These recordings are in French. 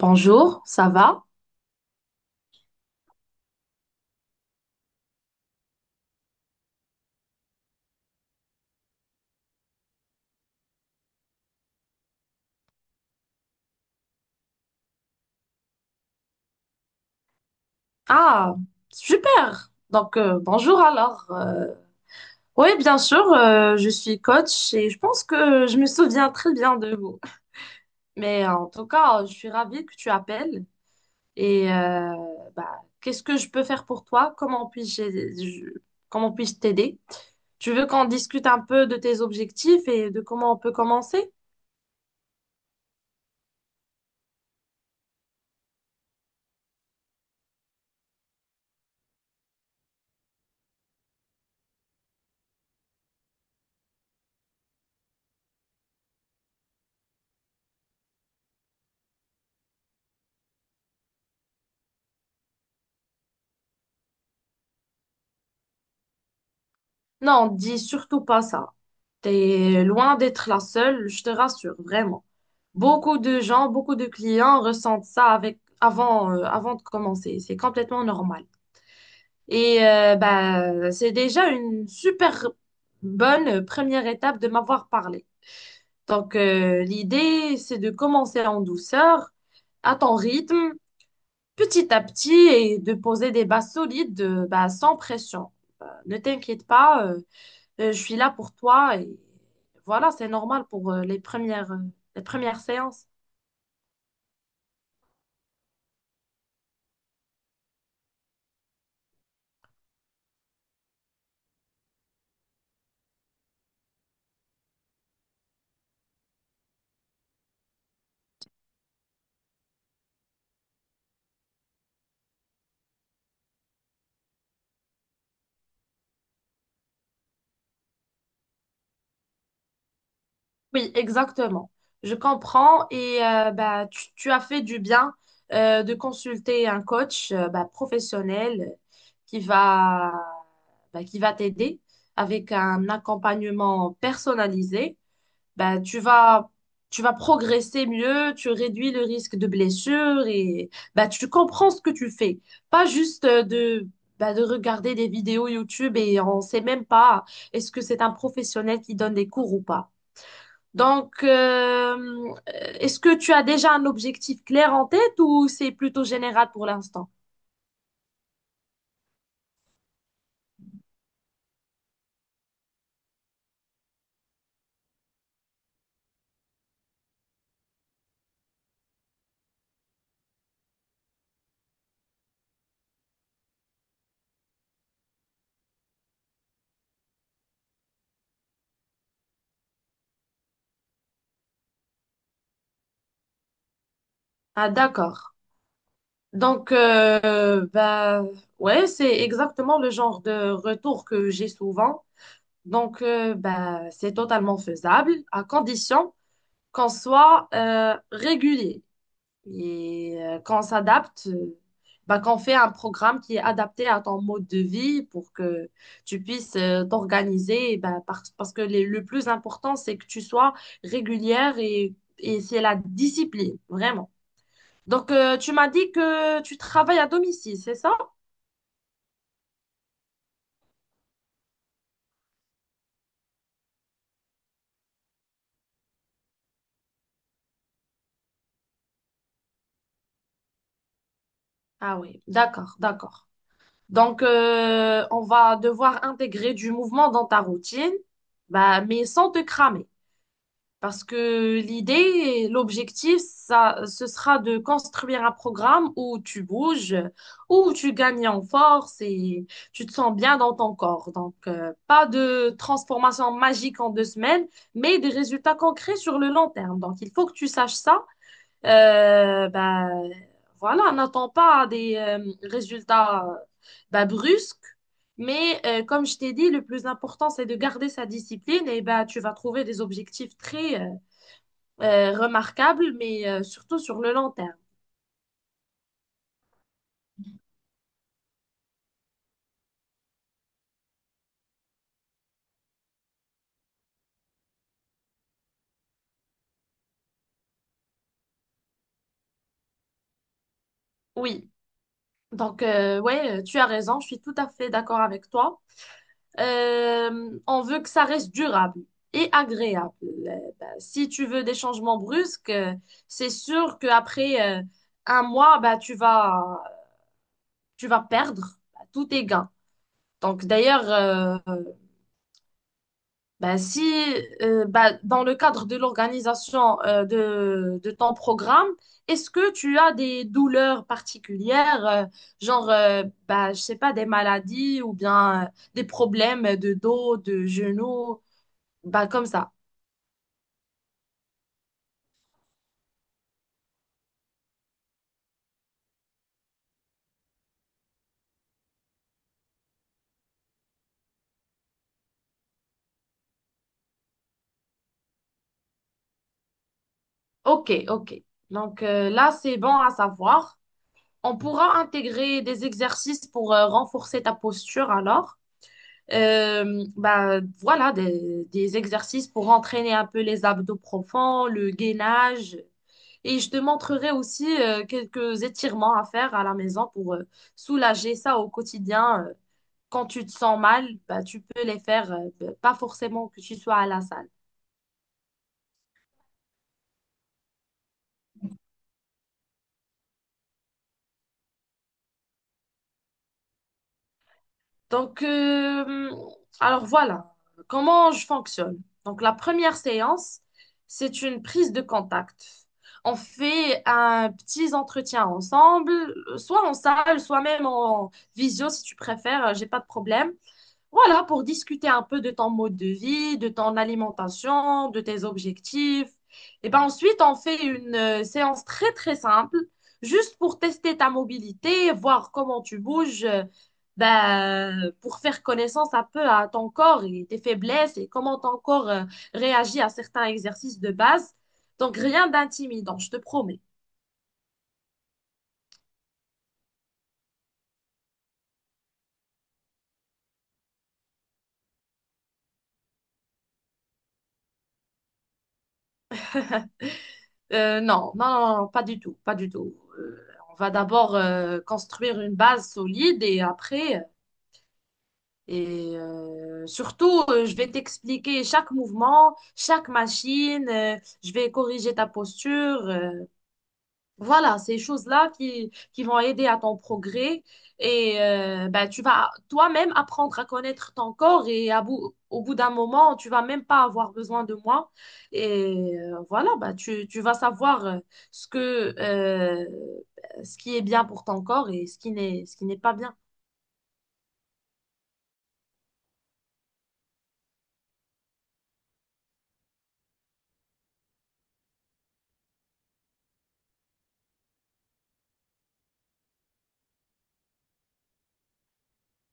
Bonjour, ça va? Ah, super. Donc, bonjour alors. Oui, bien sûr, je suis coach et je pense que je me souviens très bien de vous. Mais en tout cas, je suis ravie que tu appelles. Et qu'est-ce que je peux faire pour toi? Comment puis-je t'aider? Tu veux qu'on discute un peu de tes objectifs et de comment on peut commencer? Non, dis surtout pas ça. T'es loin d'être la seule, je te rassure, vraiment. Beaucoup de gens, beaucoup de clients ressentent ça avant, avant de commencer. C'est complètement normal. Et bah, c'est déjà une super bonne première étape de m'avoir parlé. Donc, l'idée, c'est de commencer en douceur, à ton rythme, petit à petit, et de poser des bases solides, bah, sans pression. Ne t'inquiète pas, je suis là pour toi et voilà, c'est normal pour les premières séances. Oui, exactement. Je comprends et bah, tu as fait du bien de consulter un coach bah, professionnel qui va, bah, qui va t'aider avec un accompagnement personnalisé. Ben, tu vas progresser mieux, tu réduis le risque de blessure et ben, tu comprends ce que tu fais. Pas juste ben, de regarder des vidéos YouTube et on ne sait même pas est-ce que c'est un professionnel qui donne des cours ou pas. Donc, euh, est-ce que tu as déjà un objectif clair en tête ou c'est plutôt général pour l'instant? Ah, d'accord. Donc, ouais, c'est exactement le genre de retour que j'ai souvent. Donc, ben, c'est totalement faisable à condition qu'on soit régulier et qu'on s'adapte, ben, qu'on fait un programme qui est adapté à ton mode de vie pour que tu puisses t'organiser. Parce que le plus important, c'est que tu sois régulière et c'est la discipline, vraiment. Donc, tu m'as dit que tu travailles à domicile, c'est ça? Ah oui, d'accord, d'accord. Donc, on va devoir intégrer du mouvement dans ta routine, bah, mais sans te cramer. Parce que l'idée, et l'objectif, ça, ce sera de construire un programme où tu bouges, où tu gagnes en force et tu te sens bien dans ton corps. Donc, pas de transformation magique en deux semaines, mais des résultats concrets sur le long terme. Donc, il faut que tu saches ça ben, voilà, n'attends pas des résultats ben, brusques, mais comme je t'ai dit, le plus important, c'est de garder sa discipline et ben, tu vas trouver des objectifs très remarquables, mais surtout sur le long terme. Oui, donc ouais, tu as raison, je suis tout à fait d'accord avec toi. On veut que ça reste durable et agréable. Si tu veux des changements brusques, c'est sûr qu'après un mois, bah, tu vas perdre bah, tous tes gains. Donc d'ailleurs, bah, si bah, dans le cadre de l'organisation de ton programme, est-ce que tu as des douleurs particulières, genre, bah, je sais pas, des maladies ou bien des problèmes de dos, de genoux, bah, comme ça. OK, OK. Donc là, c'est bon à savoir. On pourra intégrer des exercices pour renforcer ta posture alors. Bah, voilà, des exercices pour entraîner un peu les abdos profonds, le gainage. Et je te montrerai aussi quelques étirements à faire à la maison pour soulager ça au quotidien. Quand tu te sens mal, bah, tu peux les faire, pas forcément que tu sois à la salle. Donc, alors voilà, comment je fonctionne. Donc, la première séance, c'est une prise de contact. On fait un petit entretien ensemble, soit en salle, soit même en visio si tu préfères, j'ai pas de problème. Voilà, pour discuter un peu de ton mode de vie, de ton alimentation, de tes objectifs. Et ben ensuite, on fait une séance très très simple, juste pour tester ta mobilité, voir comment tu bouges, ben, pour faire connaissance un peu à ton corps et tes faiblesses et comment ton corps réagit à certains exercices de base. Donc rien d'intimidant, je te promets. Non, non, non, non, pas du tout, pas du tout. On va d'abord construire une base solide et après surtout, je vais t'expliquer chaque mouvement, chaque machine, je vais corriger ta posture. Voilà, ces choses-là qui vont aider à ton progrès. Et ben, tu vas toi-même apprendre à connaître ton corps et à au bout d'un moment, tu vas même pas avoir besoin de moi. Et voilà, ben, tu vas savoir ce que, euh, ce qui est bien pour ton corps et ce qui n'est pas bien.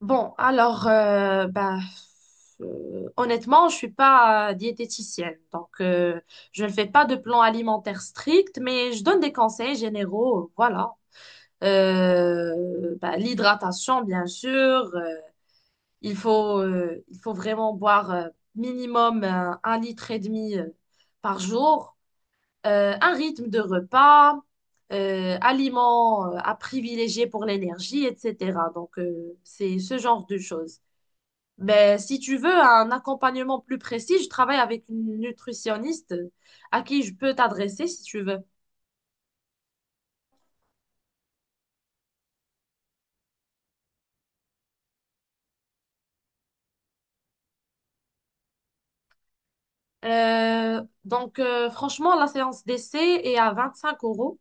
Bon, alors, honnêtement, je suis pas diététicienne, donc je ne fais pas de plan alimentaire strict, mais je donne des conseils généraux, voilà. Bah, l'hydratation, bien sûr. euh, il faut vraiment boire minimum 1,5 litre par jour. Un rythme de repas, aliments à privilégier pour l'énergie, etc. Donc, c'est ce genre de choses. Ben, si tu veux un accompagnement plus précis, je travaille avec une nutritionniste à qui je peux t'adresser si tu veux. Franchement, la séance d'essai est à 25 euros,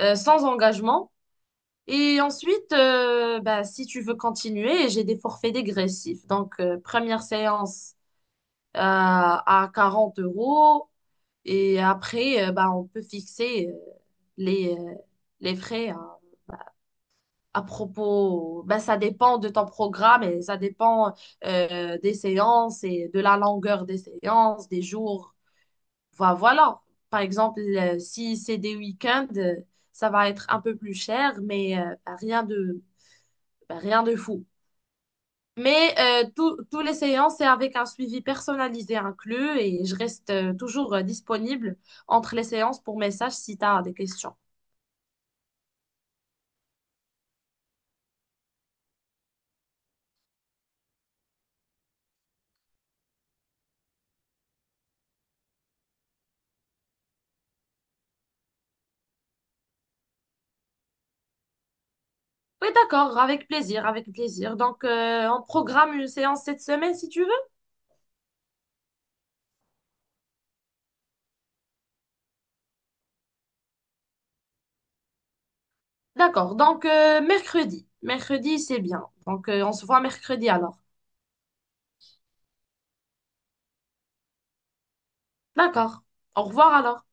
sans engagement. Et ensuite, ben, si tu veux continuer, j'ai des forfaits dégressifs. Donc, première séance à 40 euros. Et après, ben, on peut fixer les, euh, les frais à propos, ben, ça dépend de ton programme et ça dépend des séances et de la longueur des séances, des jours. Voilà. Par exemple, si c'est des week-ends, ça va être un peu plus cher, mais ben, rien de fou. Mais tous les séances, c'est avec un suivi personnalisé inclus et je reste toujours disponible entre les séances pour messages si tu as des questions. Oui, d'accord, avec plaisir, avec plaisir. Donc, on programme une séance cette semaine si tu veux. D'accord. Donc, mercredi. Mercredi, c'est bien. Donc, on se voit mercredi alors. D'accord. Au revoir alors.